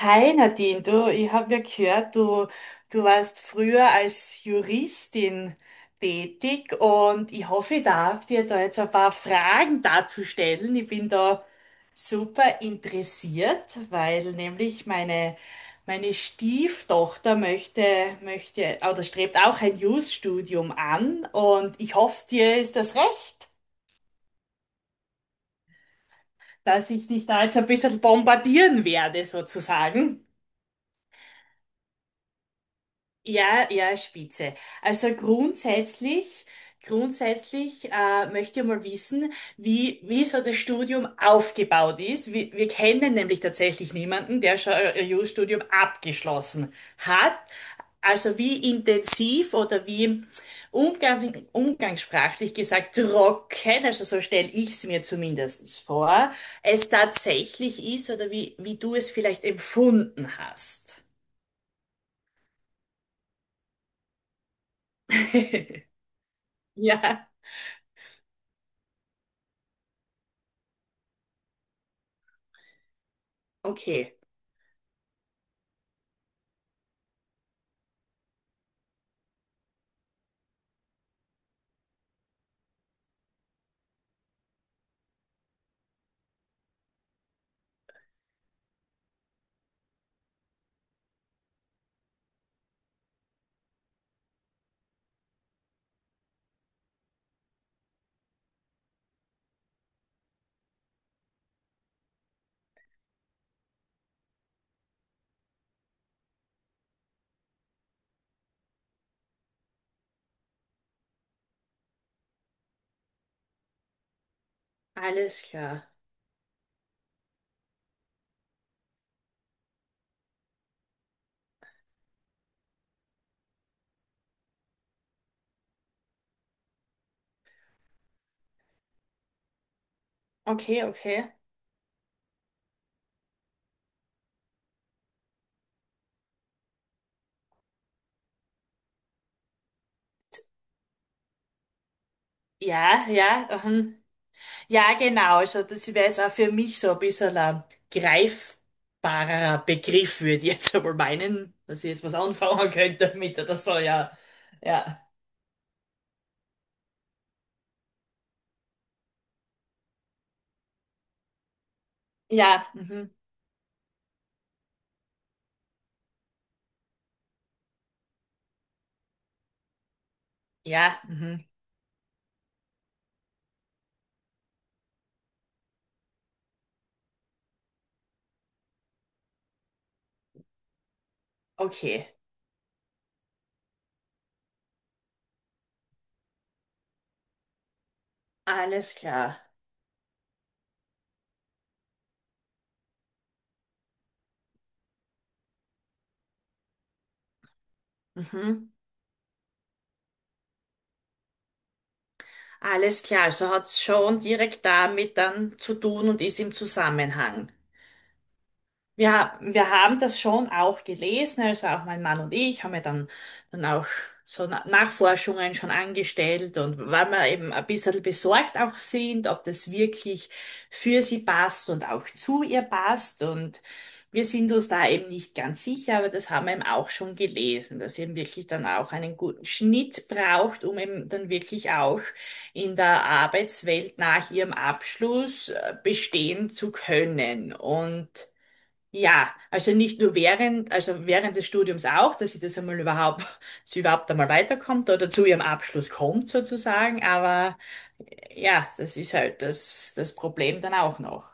Hi Nadine, du, ich habe ja gehört, du warst früher als Juristin tätig und ich hoffe, ich darf dir da jetzt ein paar Fragen dazu stellen. Ich bin da super interessiert, weil nämlich meine, meine Stieftochter möchte, möchte oder strebt auch ein Jus-Studium an und ich hoffe, dir ist das recht, dass ich dich da jetzt ein bisschen bombardieren werde sozusagen. Ja, ja, Spitze. Also grundsätzlich, möchte ich mal wissen, wie, wie so das Studium aufgebaut ist. Wir kennen nämlich tatsächlich niemanden, der schon ein Jurastudium abgeschlossen hat. Also wie intensiv oder wie umgangs umgangssprachlich gesagt trocken, also so stelle ich es mir zumindest vor, es tatsächlich ist oder wie, wie du es vielleicht empfunden hast. Ja. Okay, alles klar. Okay, okay. Ja, ja, ja, genau. Also das wäre jetzt auch für mich so ein bisschen ein greifbarer Begriff, würde ich jetzt einmal meinen, dass ich jetzt was anfangen könnte damit oder so, ja. Ja. Ja, mhm. Ja, mhm. Okay. Alles klar. Mhm. Alles klar. Also hat es schon direkt damit dann zu tun und ist im Zusammenhang. Ja, wir haben das schon auch gelesen, also auch mein Mann und ich haben ja dann, dann auch Nachforschungen schon angestellt und weil wir eben ein bisschen besorgt auch sind, ob das wirklich für sie passt und auch zu ihr passt und wir sind uns da eben nicht ganz sicher, aber das haben wir eben auch schon gelesen, dass sie eben wirklich dann auch einen guten Schnitt braucht, um eben dann wirklich auch in der Arbeitswelt nach ihrem Abschluss bestehen zu können und ja, also nicht nur während, also während des Studiums auch, dass sie das einmal überhaupt, dass sie überhaupt einmal weiterkommt oder zu ihrem Abschluss kommt sozusagen, aber ja, das ist halt das, das Problem dann auch noch.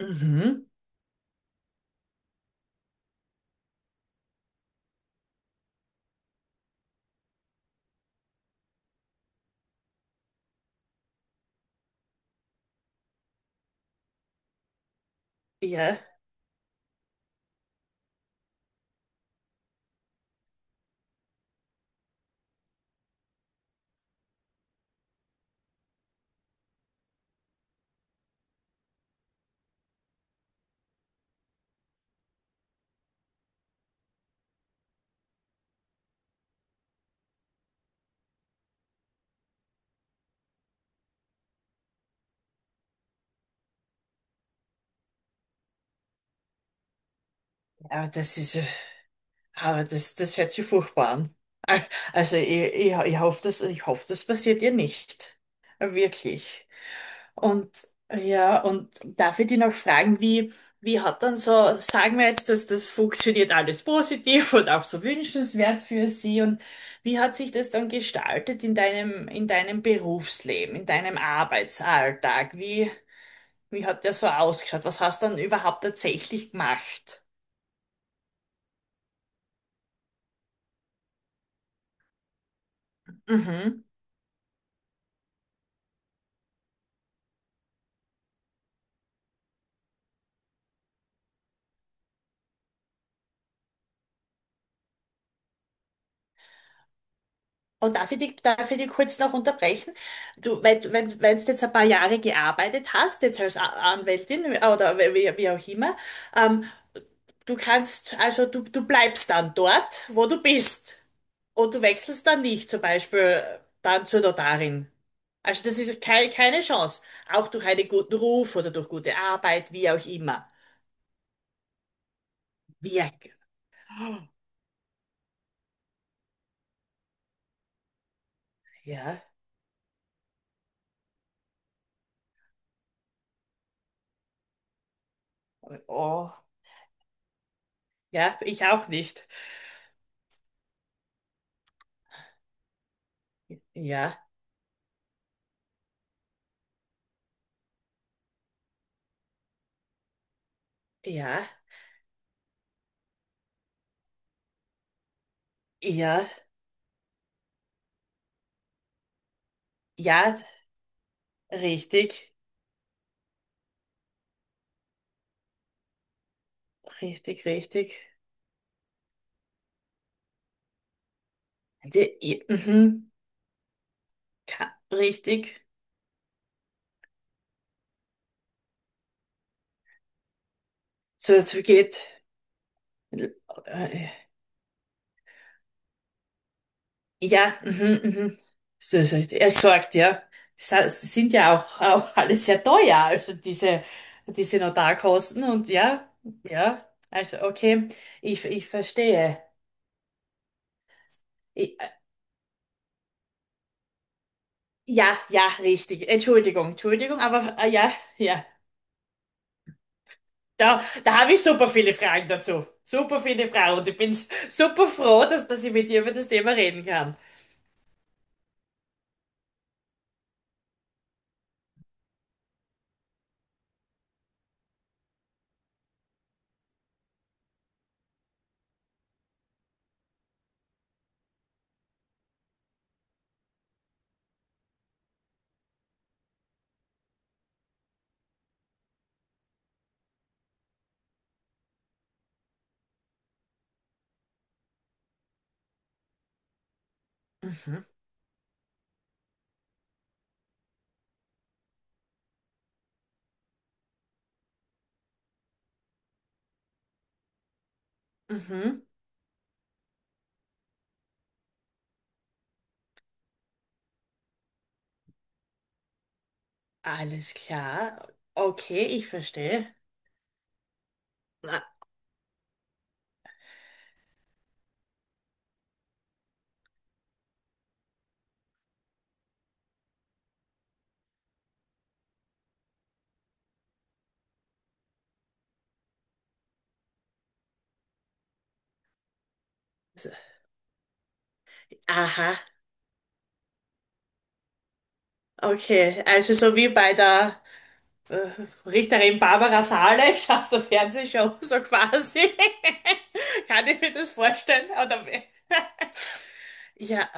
Mhm. Ja, aber das ist, aber das, das hört sich furchtbar an. Al- Also ich, ich hoffe, das passiert ihr nicht. Wirklich. Und ja, und darf ich dich noch fragen, wie, wie hat dann so, sagen wir jetzt, dass das funktioniert alles positiv und auch so wünschenswert für Sie und wie hat sich das dann gestaltet in deinem Berufsleben, in deinem Arbeitsalltag? Wie, wie hat der so ausgeschaut? Was hast du dann überhaupt tatsächlich gemacht? Mhm. Und darf ich dich kurz noch unterbrechen? Du, wenn, wenn du jetzt ein paar Jahre gearbeitet hast, jetzt als Anwältin oder wie, wie auch immer, ähm, du kannst, also du bleibst dann dort, wo du bist. Und du wechselst dann nicht, zum Beispiel dann zur Notarin. Also das ist keine, keine Chance. Auch durch einen guten Ruf oder durch gute Arbeit, wie auch immer. Wirk. Ja, oh. Ja, ich auch nicht. Ja, ja, ja, ja, richtig, richtig, richtig. Die, mhm, richtig. So, es geht. äh, Ja, mhm, mhm. So, so, er sagt, ja. Sind ja auch, auch alle sehr teuer, also diese, diese Notarkosten und ja, ja, also okay, ich verstehe. Ich, ja, ja, richtig. Entschuldigung, Entschuldigung, aber ja, ja. Da, da habe ich super viele Fragen dazu. Super viele Fragen und ich bin super froh, dass, dass ich mit dir über das Thema reden kann. Mhm, mhm. Alles klar. Okay, ich verstehe. Ah, so. Aha, okay, also so wie bei der äh, Richterin Barbara Salisch aus der Fernsehshow, so quasi. Kann ich mir das vorstellen? Oder wie? Ja,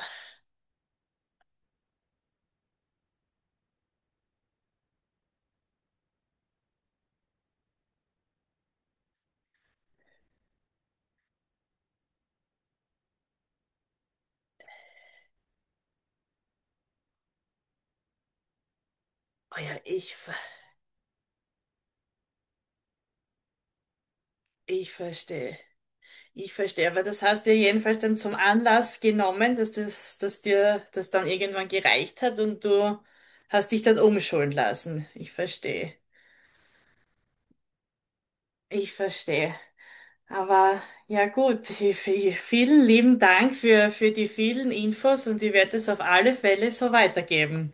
oh ja, ich, ich verstehe. Ich verstehe, aber das hast du ja jedenfalls dann zum Anlass genommen, dass das, dass dir das dann irgendwann gereicht hat und du hast dich dann umschulen lassen. Ich verstehe. Ich verstehe. Aber ja gut, vielen lieben Dank für die vielen Infos und ich werde es auf alle Fälle so weitergeben.